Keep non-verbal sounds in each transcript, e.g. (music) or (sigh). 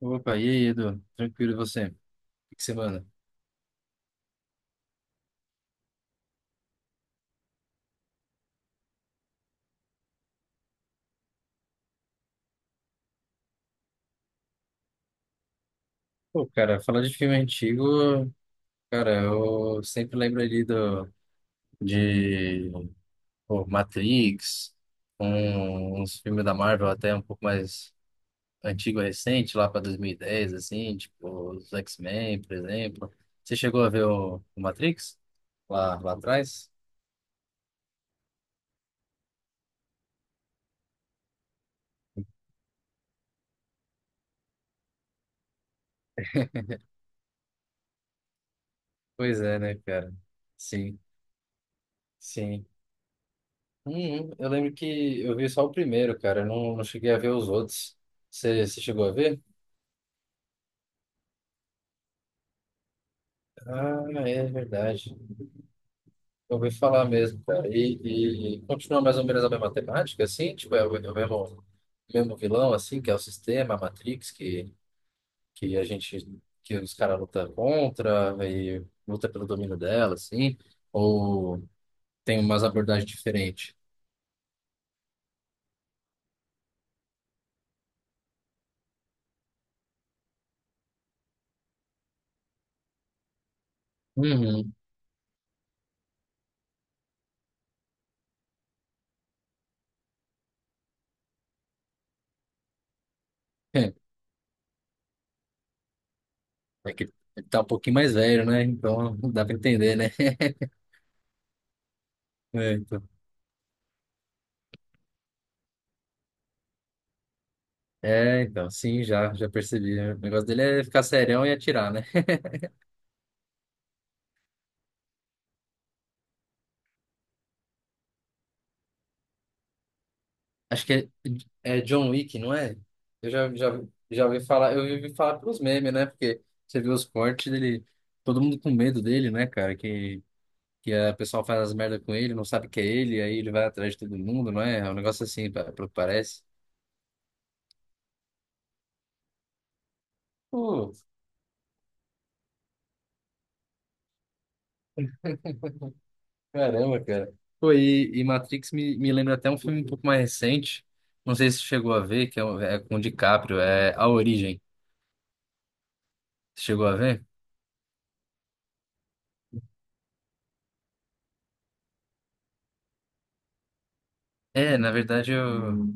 Opa, e aí, Edu? Tranquilo, e você? O que que você manda? Pô, cara, falando de filme antigo, cara, eu sempre lembro ali do, de pô, Matrix, uns filmes da Marvel até um pouco mais antigo, recente, lá para 2010, assim, tipo os X-Men, por exemplo. Você chegou a ver o Matrix? Lá atrás? Pois é, né, cara? Sim, sim. Uhum. Eu lembro que eu vi só o primeiro, cara. Eu não cheguei a ver os outros. Você chegou a ver? Ah, é verdade. Eu ouvi falar mesmo, cara. E continua mais ou menos a mesma temática, assim? Tipo, é o mesmo vilão, assim, que é o sistema, a Matrix, que a gente, que os caras lutam contra e luta pelo domínio dela, assim? Ou tem umas abordagens diferentes? Uhum. (laughs) É que ele tá um pouquinho mais velho, né? Então dá pra entender, né? (laughs) É, então. É, então, sim, já percebi. O negócio dele é ficar serião e atirar, né? Acho que é John Wick, não é? Eu já ouvi falar, eu ouvi falar pelos memes, né? Porque você viu os cortes dele, todo mundo com medo dele, né, cara? Que a pessoa faz as merdas com ele, não sabe que é ele, aí ele vai atrás de todo mundo, não é? É um negócio assim, pelo que parece. Pô, caramba, cara. Pô, e Matrix me, me lembra até um filme um pouco mais recente, não sei se você chegou a ver, que é, é com o DiCaprio, é A Origem. Você chegou a ver? É, na verdade eu.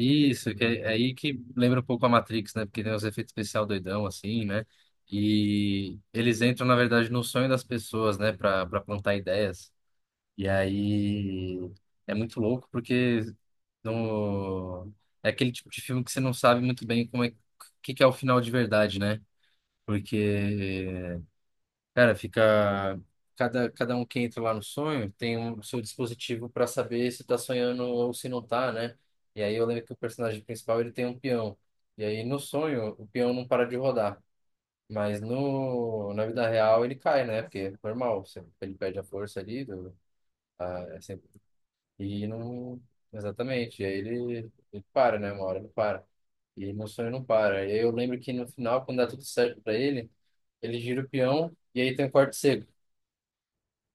Isso, que é aí que lembra um pouco a Matrix, né? Porque tem os efeitos especial doidão, assim, né? E eles entram, na verdade, no sonho das pessoas, né? Pra plantar ideias. E aí é muito louco, porque no... é aquele tipo de filme que você não sabe muito bem como é o que que é o final de verdade, né? Porque cara, fica. Cada um que entra lá no sonho tem um seu dispositivo para saber se tá sonhando ou se não tá, né? E aí eu lembro que o personagem principal ele tem um peão. E aí no sonho o peão não para de rodar. Mas no, na vida real ele cai, né? Porque é normal, você- ele perde a força ali. Do, a, é sempre- e não. Exatamente. E aí ele para, né? Uma hora ele para. E no sonho não para. E aí eu lembro que no final, quando dá tudo certo para ele, ele gira o peão e aí tem um corte seco.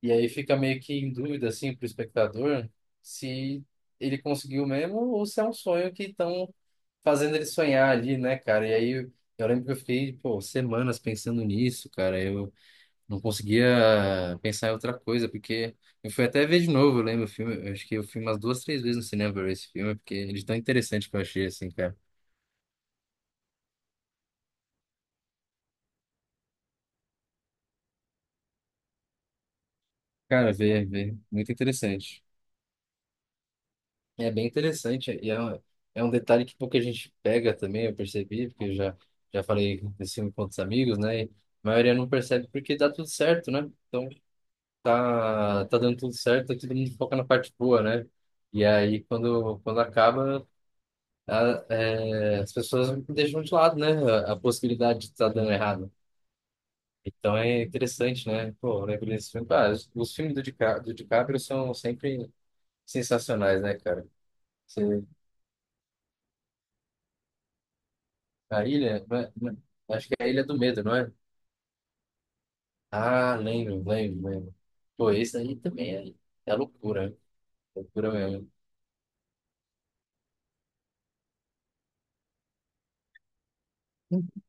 E aí fica meio que em dúvida, assim, pro espectador, se ele conseguiu mesmo ou se é um sonho que estão fazendo ele sonhar ali, né, cara? E aí eu lembro que eu fiquei, pô, semanas pensando nisso, cara. Eu não conseguia pensar em outra coisa, porque eu fui até ver de novo, eu lembro o filme. Eu acho que eu fui umas duas, três vezes no cinema pra ver esse filme, porque ele é tão interessante que eu achei, assim, cara. Cara, vê, muito interessante. É bem interessante e é um detalhe que pouca gente pega também, eu percebi, porque eu já falei desse filme com outros amigos, né? E a maioria não percebe porque dá tudo certo, né? Então tá, tá dando tudo certo, tá todo mundo foca na parte boa, né? E aí quando acaba, é, as pessoas deixam de lado, né? A possibilidade de estar dando errado. Então é interessante, né? Pô, eu lembro desse filme. Ah, os filmes do, Dica, do DiCaprio são sempre sensacionais, né, cara? A ilha? Não acho que é a Ilha do Medo, não é? Ah, lembro, lembro, lembro. Pô, esse aí também é loucura, né? Loucura mesmo.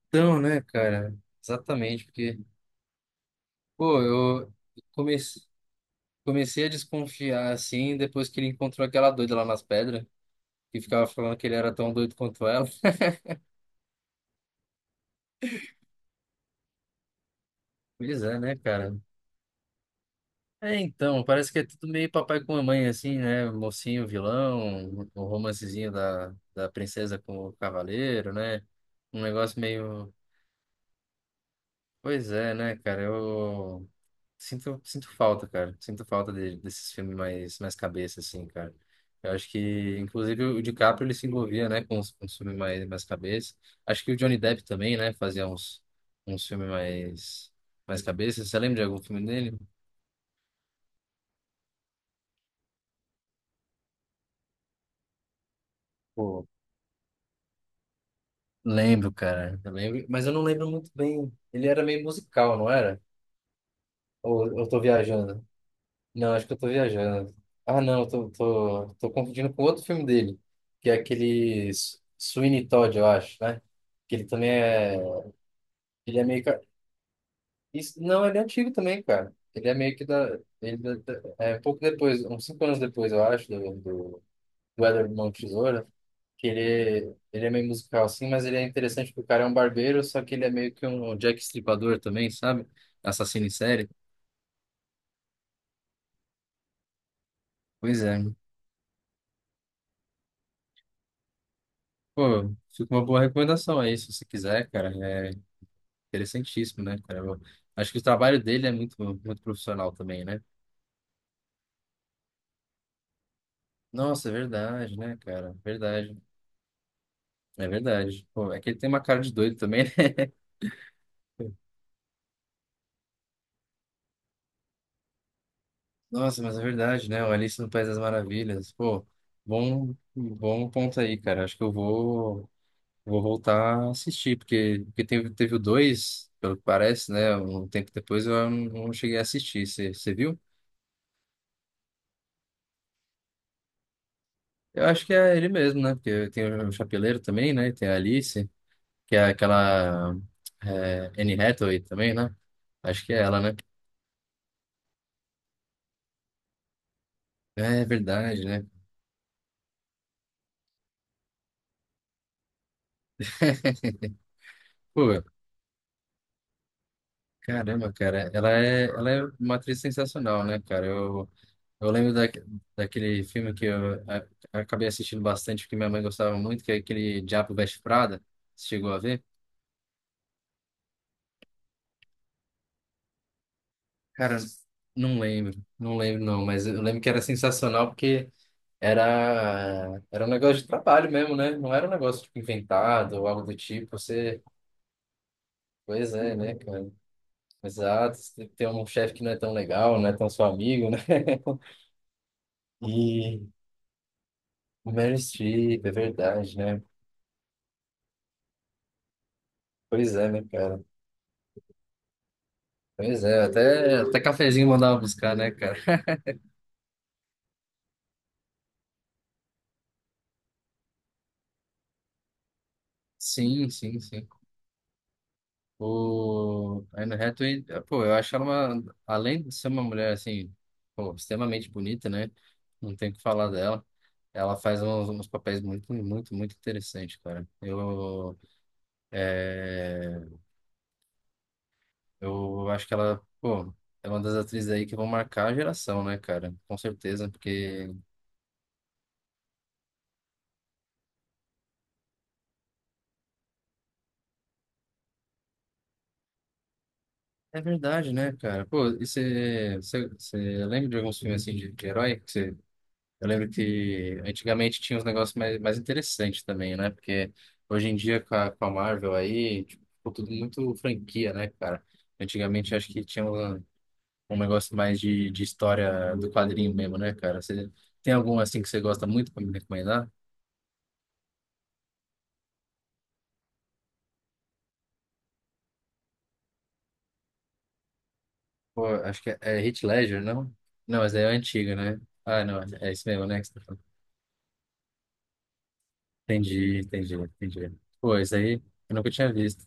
Então, né, cara? Exatamente, porque, pô, eu comecei, comecei a desconfiar assim depois que ele encontrou aquela doida lá nas pedras, que ficava falando que ele era tão doido quanto ela. (laughs) Pois é, né, cara? É, então, parece que é tudo meio papai com mamãe, assim, né? Mocinho, vilão, o romancezinho da princesa com o cavaleiro, né? Um negócio meio. Pois é, né, cara? Eu sinto falta, cara. Sinto falta de- desses filmes mais cabeça, assim, cara. Eu acho que, inclusive, o DiCaprio ele se envolvia, né, com os filmes mais cabeça. Acho que o Johnny Depp também, né, fazia uns filmes mais cabeça. Você lembra de algum filme dele? Pô, lembro, cara. Eu lembro, mas eu não lembro muito bem. Ele era meio musical, não era? Ou eu tô viajando? Não, acho que eu tô viajando. Ah, não, eu tô confundindo com outro filme dele, que é aquele S- Sweeney Todd, eu acho, né? Que ele também é. Ele é meio que. Isso, não, ele é antigo também, cara. Ele é meio que da. Ele é um pouco depois, uns cinco anos depois, eu acho, do, do o Éder Mão de Tesoura, que ele é meio musical assim, mas ele é interessante porque o cara é um barbeiro, só que ele é meio que um Jack Stripador também, sabe? Assassino em série. Pois é. Pô, fica uma boa recomendação aí, se você quiser, cara. É interessantíssimo, né, cara? Eu acho que o trabalho dele é muito, muito profissional também, né? Nossa, é verdade, né, cara? Verdade. É verdade. Pô, é que ele tem uma cara de doido também, né? (laughs) Nossa, mas é verdade, né? O Alice no País das Maravilhas. Pô, bom, bom ponto aí, cara. Acho que eu vou. Vou voltar a assistir, porque, porque teve o dois pelo que parece, né? Um tempo depois eu não cheguei a assistir. Você viu? Eu acho que é ele mesmo, né? Porque tem o Chapeleiro também, né? E tem a Alice, que é aquela é, Anne Hathaway também, né? Acho que é ela, né? É verdade, né? (laughs) Pô, caramba, cara. Ela é uma atriz sensacional, né, cara? Eu lembro da, daquele filme que eu, acabei assistindo bastante, porque minha mãe gostava muito, que é aquele Diabo Veste Prada. Você chegou a ver? Cara, não lembro não, mas eu lembro que era sensacional porque era um negócio de trabalho mesmo, né? Não era um negócio tipo, inventado ou algo do tipo. Você, pois é, né, cara? Exato, você tem um chefe que não é tão legal, não é tão seu amigo, né? (laughs) E Meryl Streep, é verdade, né? Pois é, né, cara? Pois é, até cafezinho mandava buscar, né, cara? Sim, sim, sim. O a Anne Hathaway, pô, eu acho ela uma, além de ser uma mulher, assim, pô, extremamente bonita, né? Não tem o que falar dela. Ela faz uns papéis muito, muito, muito interessantes, cara. Eu, é, eu acho que ela, pô, é uma das atrizes aí que vão marcar a geração, né, cara? Com certeza, porque é verdade, né, cara? Pô, e você você lembra de alguns filmes, assim, de herói? Eu lembro que antigamente tinha uns negócios mais interessantes também, né? Porque hoje em dia com a Marvel aí, tipo, ficou tudo muito franquia, né, cara? Antigamente acho que tinha um, um negócio mais de história do quadrinho mesmo, né, cara? Você tem algum assim que você gosta muito pra me recomendar? Pô, acho que é, é Heath Ledger, não? Não, mas é antigo né? Ah, não, é esse mesmo, né? Que você tá falando. Entendi, entendi, entendi. Pô, isso aí eu nunca tinha visto.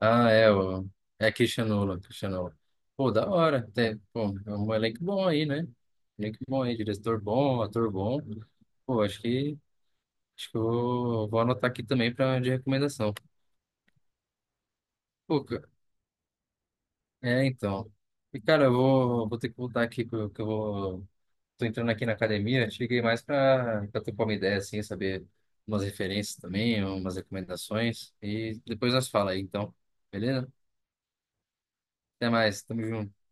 Ah, é, o, é Christian Nolan, Christian Nolan. Pô, da hora. Tem, pô, é um elenco bom aí, né? Elenco bom aí, diretor bom, ator bom. Pô, acho que eu vou anotar aqui também pra, de recomendação. Pô, ca- é, então. E, cara, eu vou ter que voltar aqui, que eu vou. Tô entrando aqui na academia, cheguei mais pra, pra trocar uma ideia, assim, saber umas referências também, umas recomendações. E depois nós fala aí, então. Beleza? Até mais, tamo junto.